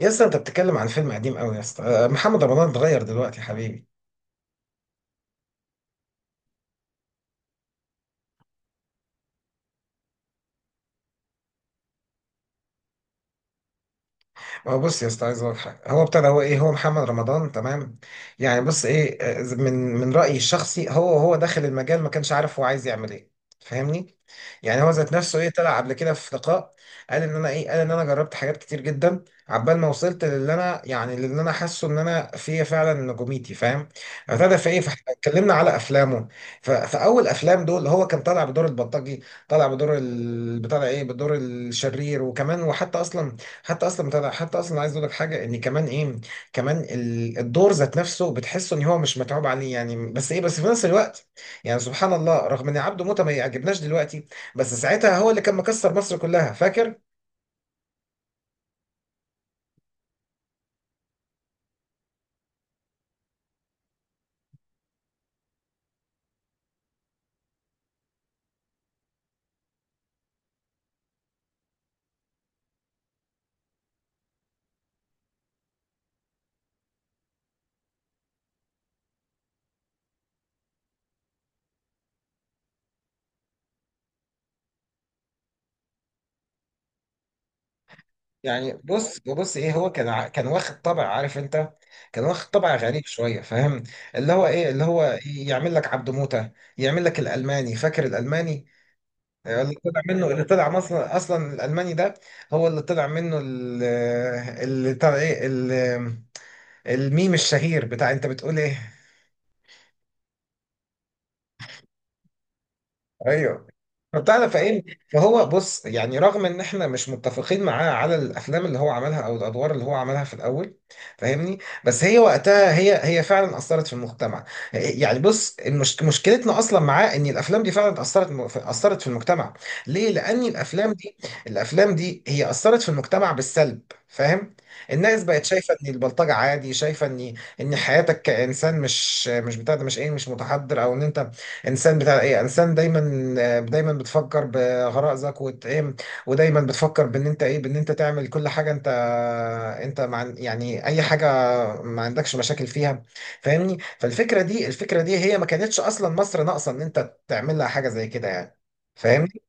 يا اسطى انت بتتكلم عن فيلم قديم قوي يا اسطى، محمد رمضان اتغير دلوقتي يا حبيبي. هو بص يا اسطى، عايز اقول لك حاجه. هو ابتدى، هو ايه، هو محمد رمضان، تمام. يعني بص ايه، من رايي الشخصي، هو داخل المجال، ما كانش عارف هو عايز يعمل ايه. فاهمني. يعني هو ذات نفسه ايه، طلع قبل كده في لقاء، قال ان انا ايه، قال ان انا جربت حاجات كتير جدا عبال ما وصلت للي انا، يعني للي انا حاسه ان انا فيا فعلا نجوميتي، فاهم. ابتدى في ايه، فاحنا اتكلمنا على افلامه. فاول افلام دول هو كان طالع بدور البلطجي، طالع بدور بتاع ده ايه، بدور الشرير وكمان. وحتى اصلا، حتى اصلا عايز اقول لك حاجه، ان كمان ايه، كمان الدور ذات نفسه بتحسه ان هو مش متعوب عليه يعني، بس ايه، بس في نفس الوقت، يعني سبحان الله، رغم ان عبده موته ما يعجبناش دلوقتي، بس ساعتها هو اللي كان مكسر مصر كلها، فاكر. يعني بص ايه، هو كان كان واخد طبع، عارف انت، كان واخد طبع غريب شويه، فاهم. اللي هو ايه، اللي هو يعمل لك عبده موته، يعمل لك الالماني، فاكر الالماني؟ أيوة، اللي طلع منه، اللي طلع اصلا، الالماني ده هو اللي طلع منه اللي طلع ايه الميم الشهير، بتاع انت بتقول ايه. ايوه. فبتعرف ايه، فهو بص، يعني رغم ان احنا مش متفقين معاه على الافلام اللي هو عملها او الادوار اللي هو عملها في الاول، فاهمني. بس هي وقتها هي فعلا اثرت في المجتمع. يعني بص، مشكلتنا اصلا معاه ان الافلام دي فعلا اثرت، اثرت في المجتمع. ليه؟ لان الافلام دي، هي اثرت في المجتمع بالسلب، فاهم. الناس بقت شايفه ان البلطجه عادي، شايفه ان حياتك كانسان مش بتاع ده، مش ايه، مش متحضر، او ان انت انسان بتاع ايه، انسان دايما بتفكر بغرائزك، وت ايه ودايما بتفكر بان انت ايه، بان انت تعمل كل حاجه، انت انت مع يعني اي حاجه ما عندكش مشاكل فيها، فاهمني. فالفكره دي، الفكره دي هي ما كانتش اصلا مصر ناقصه ان انت تعمل لها حاجه زي كده يعني، فاهمني.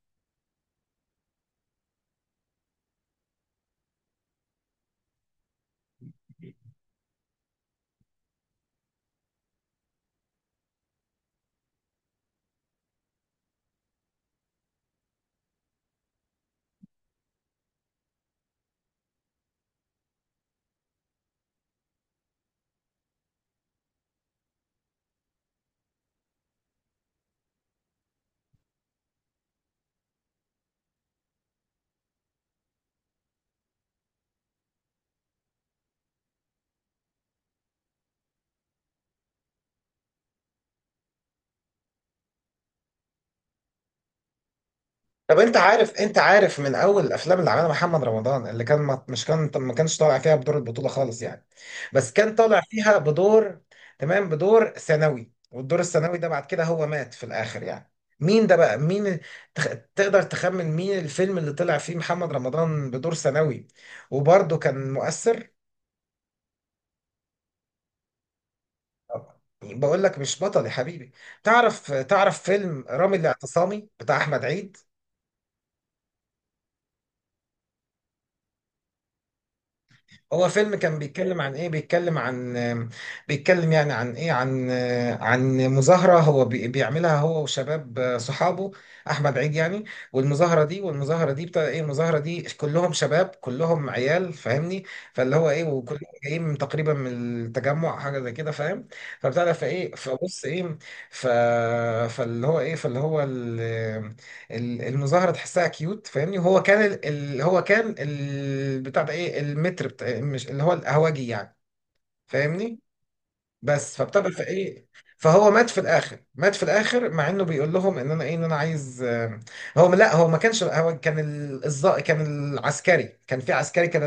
طب انت عارف من اول الافلام اللي عملها محمد رمضان، اللي كان ما مش كان ما كانش طالع فيها بدور البطولة خالص يعني، بس كان طالع فيها بدور، تمام، بدور ثانوي، والدور الثانوي ده بعد كده هو مات في الاخر يعني. مين ده بقى؟ مين؟ تخ... تقدر تخمن مين الفيلم اللي طلع فيه محمد رمضان بدور ثانوي وبرضه كان مؤثر؟ بقول لك مش بطل يا حبيبي. تعرف فيلم رامي الاعتصامي بتاع احمد عيد؟ هو فيلم كان بيتكلم عن ايه، بيتكلم عن، بيتكلم يعني عن ايه، عن، عن مظاهرة، بيعملها هو وشباب صحابه، احمد عيد يعني. والمظاهرة دي، بتاع ايه، المظاهرة دي كلهم شباب، كلهم عيال، فاهمني. فاللي هو ايه، وكلهم جايين من تقريبا من التجمع، حاجة زي كده، فاهم. فبتاع ده، فايه، فبص ايه، ف فاللي هو ايه، فاللي هو المظاهره تحسها كيوت، فاهمني. وهو كان هو كان بتاع ده ايه، المتر بتاع، مش اللي هو القهوجي يعني، فاهمني. بس فابتدى في ايه، فهو مات في الاخر، مات في الاخر مع انه بيقول لهم ان انا ايه، ان انا عايز، هو لا، هو ما كانش، هو كان كان العسكري، كان في، عسكري كان.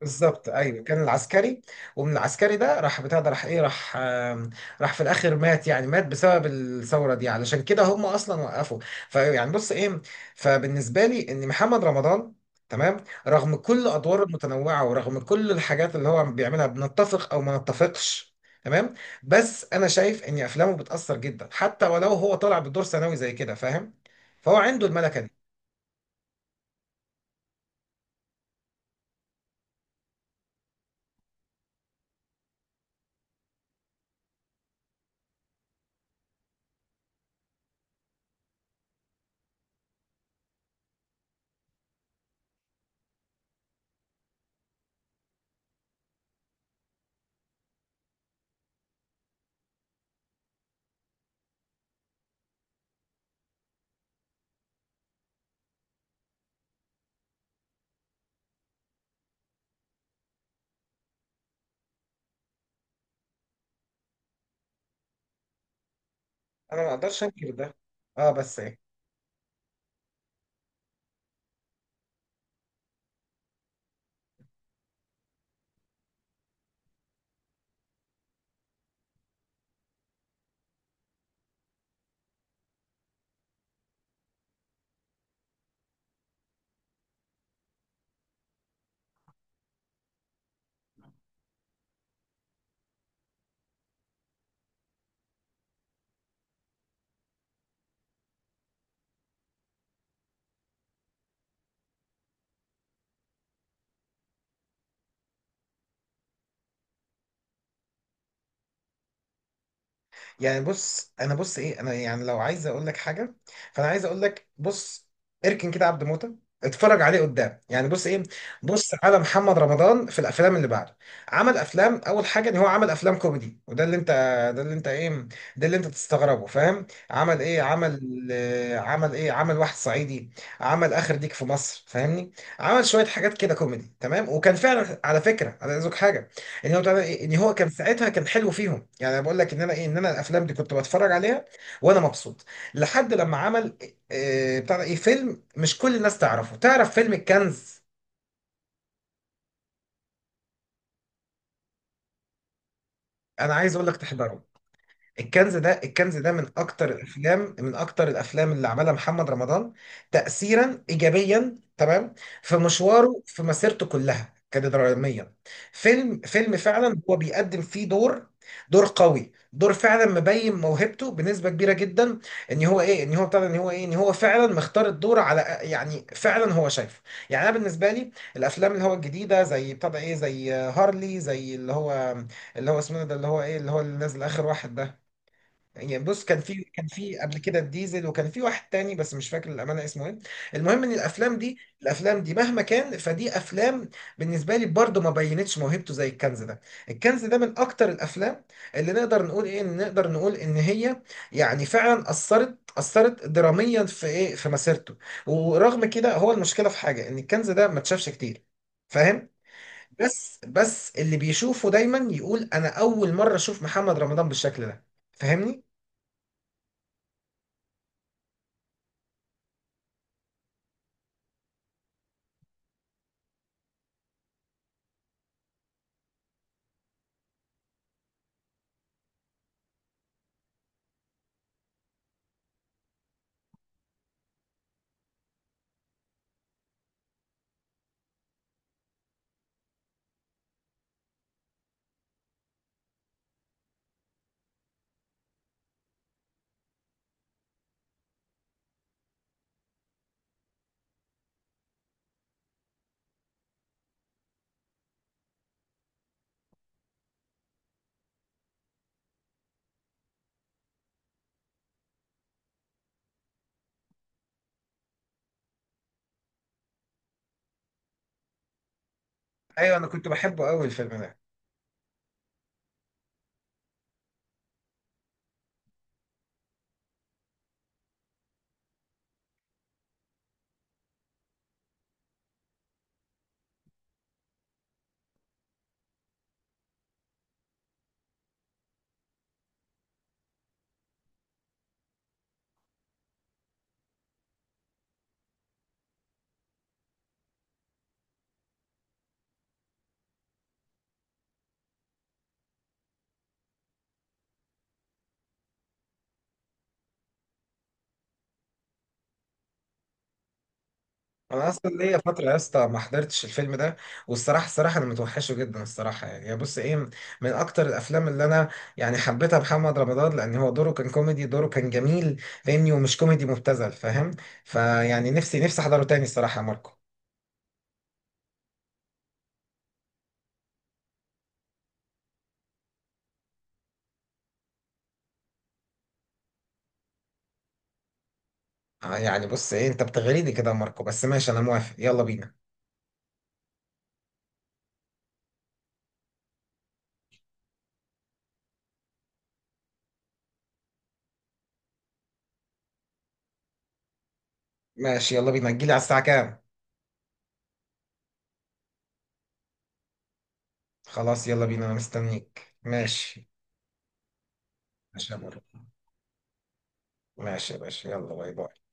بالظبط ايوه، كان العسكري. ومن العسكري ده راح، بتاع ده راح ايه، راح راح في الاخر، مات يعني، مات بسبب الثوره دي، علشان كده هم اصلا وقفوا. فيعني بص ايه، فبالنسبه لي، ان محمد رمضان، تمام، رغم كل ادواره المتنوعه، ورغم كل الحاجات اللي هو بيعملها، بنتفق او ما نتفقش، تمام، بس انا شايف ان افلامه بتاثر جدا حتى ولو هو طالع بدور ثانوي زي كده، فاهم. فهو عنده الملكه دي. انا ما اقدرش انكر ده. اه بس يعني بص انا، بص ايه، انا يعني لو عايز اقول لك حاجه، فانا عايز اقول لك بص، اركن كده عبد موته، اتفرج عليه قدام، يعني بص ايه، بص على محمد رمضان في الافلام اللي بعده. عمل افلام، اول حاجه ان هو عمل افلام كوميدي، وده اللي انت، ده اللي انت ايه، ده اللي انت تستغربه، فاهم. عمل ايه، عمل عمل ايه، عمل واحد صعيدي، عمل اخر ديك في مصر، فاهمني. عمل شويه حاجات كده كوميدي، تمام، وكان فعلا على فكره، انا عايز أقولك حاجه. يعني هو طبعا ان هو كان ساعتها، كان حلو فيهم، يعني انا بقول لك ان انا ايه، ان انا الافلام دي كنت بتفرج عليها وانا مبسوط، لحد لما عمل، بتاع ده ايه، فيلم مش كل الناس تعرفه. تعرف فيلم الكنز؟ انا عايز اقول لك تحضره. الكنز ده، الكنز ده من اكتر الافلام، من اكتر الافلام اللي عملها محمد رمضان تاثيرا ايجابيا، تمام، في مشواره، في مسيرته كلها كدراميا. فيلم فعلا هو بيقدم فيه دور، دور قوي، دور فعلا مبين موهبته بنسبه كبيره جدا، ان هو ايه، ان هو بتاع ده، ان هو ايه، ان هو فعلا مختار الدور، على يعني، فعلا هو شايفه. يعني انا بالنسبه لي، الافلام اللي هو الجديده، زي بتاع ده ايه، زي هارلي، زي اللي هو، اللي هو اسمه ده، اللي هو ايه، اللي هو اللي نازل اخر واحد ده. يعني بص، كان في قبل كده الديزل، وكان في واحد تاني بس مش فاكر الامانه اسمه ايه. المهم، ان الافلام دي، مهما كان، فدي افلام بالنسبه لي برضه ما بينتش موهبته زي الكنز ده. الكنز ده من اكتر الافلام اللي نقدر نقول ايه، إن نقدر نقول ان هي، يعني فعلا اثرت، اثرت دراميا في ايه، في مسيرته. ورغم كده، هو المشكله في حاجه، ان الكنز ده ما اتشافش كتير، فاهم. بس اللي بيشوفه دايما يقول انا اول مره اشوف محمد رمضان بالشكل ده، فاهمني. ايوه، انا كنت بحبه قوي الفيلم ده. انا اصلا ليا فتره يا اسطى ما حضرتش الفيلم ده، والصراحه، الصراحه انا متوحشه جدا، الصراحه يعني، يا بص ايه، من اكتر الافلام اللي انا يعني حبيتها محمد رمضان، لان هو دوره كان كوميدي، دوره كان جميل، فاهمني، ومش كوميدي مبتذل، فاهم. فيعني نفسي احضره تاني الصراحه يا ماركو. يعني بص ايه، انت بتغريني كده يا ماركو، بس ماشي، انا موافق، يلا بينا. ماشي، يلا بينا، تجيلي على الساعه كام؟ خلاص، يلا بينا، انا مستنيك، ماشي. ماشي يا ماركو. ماشي يا باشا، يلا، باي باي.